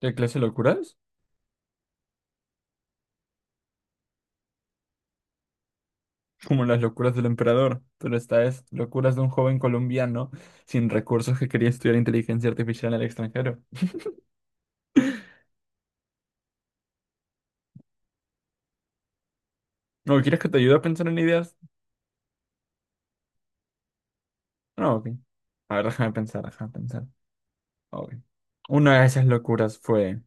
¿Qué clase de locuras? Como las locuras del emperador, pero esta es locuras de un joven colombiano sin recursos que quería estudiar inteligencia artificial en el extranjero. ¿No quieres que te ayude a pensar en ideas? No, ok. A ver, déjame pensar, déjame pensar. Ok. Una de esas locuras fue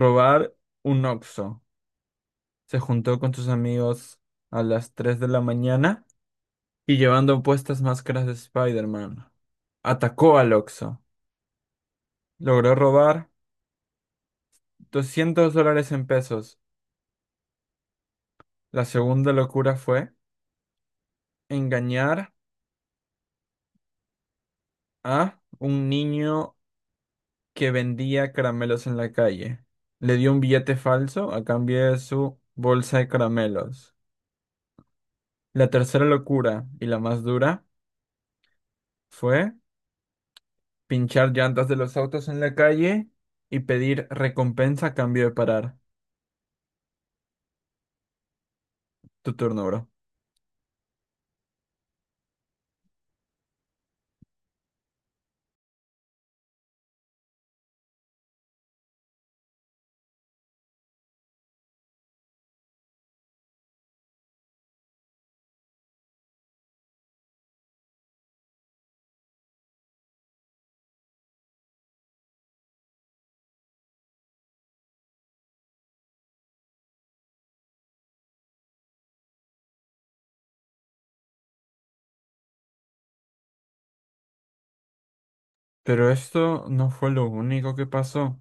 robar un Oxxo. Se juntó con sus amigos a las 3 de la mañana y llevando puestas máscaras de Spider-Man. Atacó al Oxxo. Logró robar 200 dólares en pesos. La segunda locura fue engañar a un niño que vendía caramelos en la calle. Le dio un billete falso a cambio de su bolsa de caramelos. La tercera locura y la más dura fue pinchar llantas de los autos en la calle y pedir recompensa a cambio de parar. Tu turno, bro. Pero esto no fue lo único que pasó.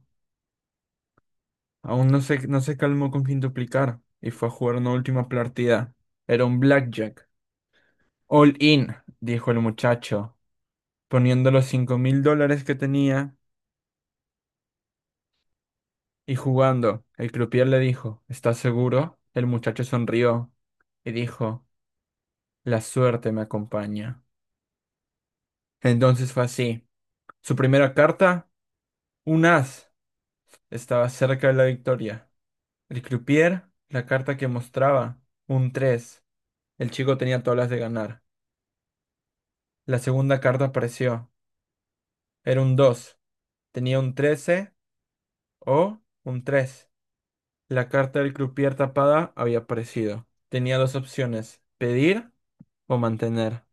Aún no se calmó con fin duplicar y fue a jugar una última partida. Era un blackjack. All in, dijo el muchacho, poniendo los 5.000 dólares que tenía y jugando. El croupier le dijo, ¿estás seguro? El muchacho sonrió y dijo, la suerte me acompaña. Entonces fue así. Su primera carta, un as, estaba cerca de la victoria. El croupier, la carta que mostraba, un 3. El chico tenía todas las de ganar. La segunda carta apareció. Era un 2. Tenía un 13 o un 3. La carta del croupier tapada había aparecido. Tenía dos opciones, pedir o mantener.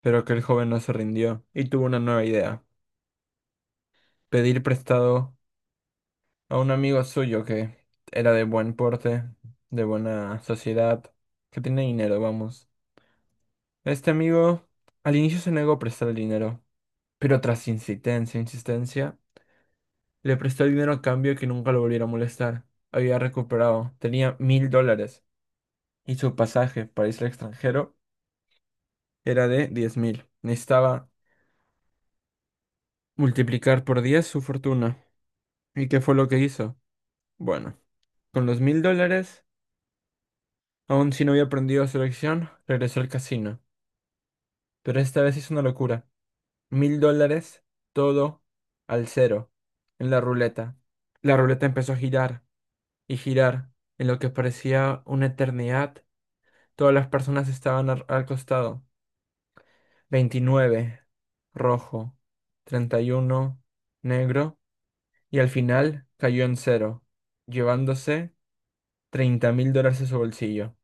Pero que el joven no se rindió y tuvo una nueva idea. Pedir prestado a un amigo suyo que era de buen porte, de buena sociedad, que tenía dinero, vamos. Este amigo al inicio se negó a prestar el dinero, pero tras insistencia, insistencia, le prestó el dinero a cambio de que nunca lo volviera a molestar. Había recuperado, tenía 1.000 dólares y su pasaje para irse al extranjero era de 10.000. Necesitaba multiplicar por 10 su fortuna. ¿Y qué fue lo que hizo? Bueno, con los 1.000 dólares, aún si no había aprendido su lección, regresó al casino. Pero esta vez hizo una locura. 1.000 dólares, todo al cero, en la ruleta. La ruleta empezó a girar y girar. En lo que parecía una eternidad, todas las personas estaban al costado. 29 rojo, 31 negro. Y al final cayó en cero, llevándose 30.000 dólares a su bolsillo.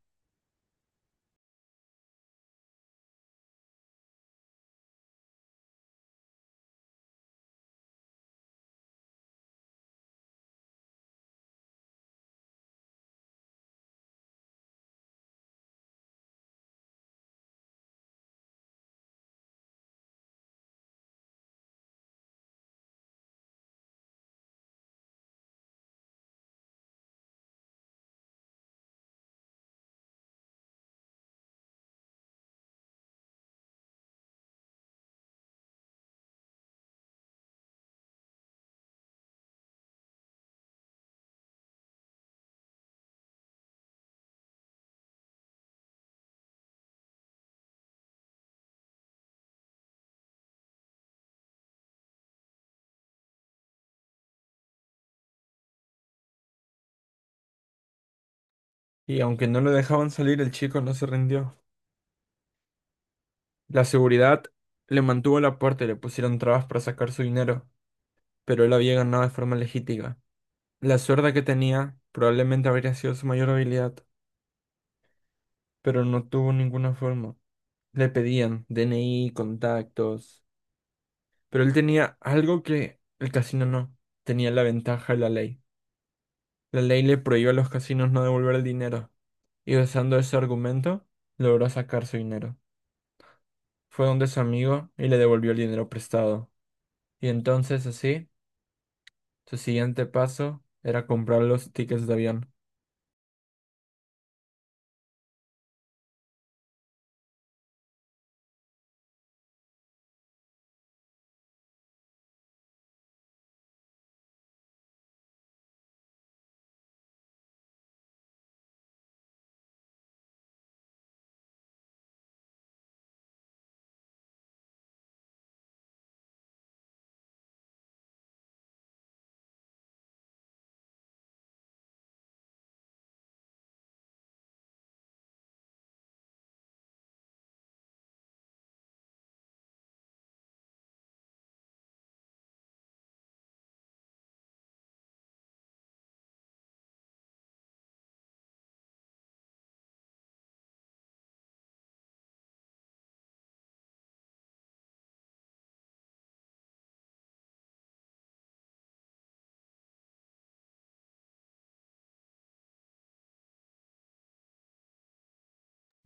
Y aunque no lo dejaban salir, el chico no se rindió. La seguridad le mantuvo la puerta y le pusieron trabas para sacar su dinero, pero él había ganado de forma legítima. La suerte que tenía probablemente habría sido su mayor habilidad, pero no tuvo ninguna forma. Le pedían DNI, contactos, pero él tenía algo que el casino no. Tenía la ventaja de la ley. La ley le prohibió a los casinos no devolver el dinero. Y usando ese argumento logró sacar su dinero. Fue donde su amigo y le devolvió el dinero prestado. Y entonces así, su siguiente paso era comprar los tickets de avión.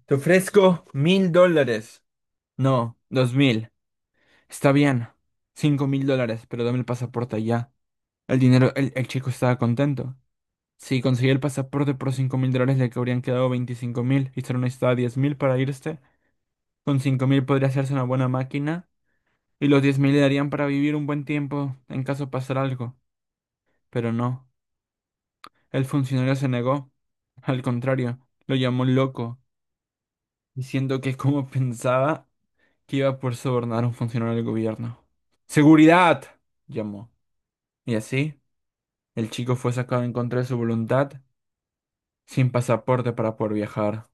Te ofrezco 1.000 dólares. No, 2.000. Está bien. 5.000 dólares, pero dame el pasaporte ya. El dinero, el chico estaba contento. Si conseguía el pasaporte por 5.000 dólares, le habrían quedado 25.000 y solo necesitaba 10.000 para irse. Con 5.000 podría hacerse una buena máquina. Y los 10.000 le darían para vivir un buen tiempo en caso pasara algo. Pero no, el funcionario se negó. Al contrario, lo llamó loco, diciendo que como pensaba que iba a poder sobornar a un funcionario del gobierno. ¡Seguridad!, llamó. Y así, el chico fue sacado en contra de su voluntad, sin pasaporte para poder viajar.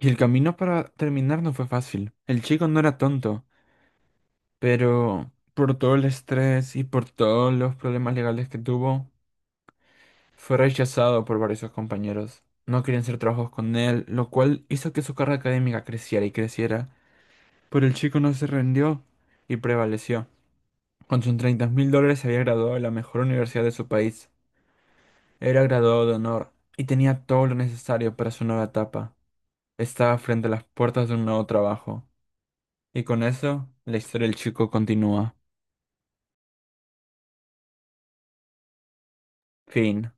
Y el camino para terminar no fue fácil. El chico no era tonto, pero por todo el estrés y por todos los problemas legales que tuvo, fue rechazado por varios de sus compañeros. No querían hacer trabajos con él, lo cual hizo que su carrera académica creciera y creciera. Pero el chico no se rindió y prevaleció. Con sus 30 mil dólares se había graduado de la mejor universidad de su país. Era graduado de honor y tenía todo lo necesario para su nueva etapa. Estaba frente a las puertas de un nuevo trabajo. Y con eso, la historia del chico continúa. Fin.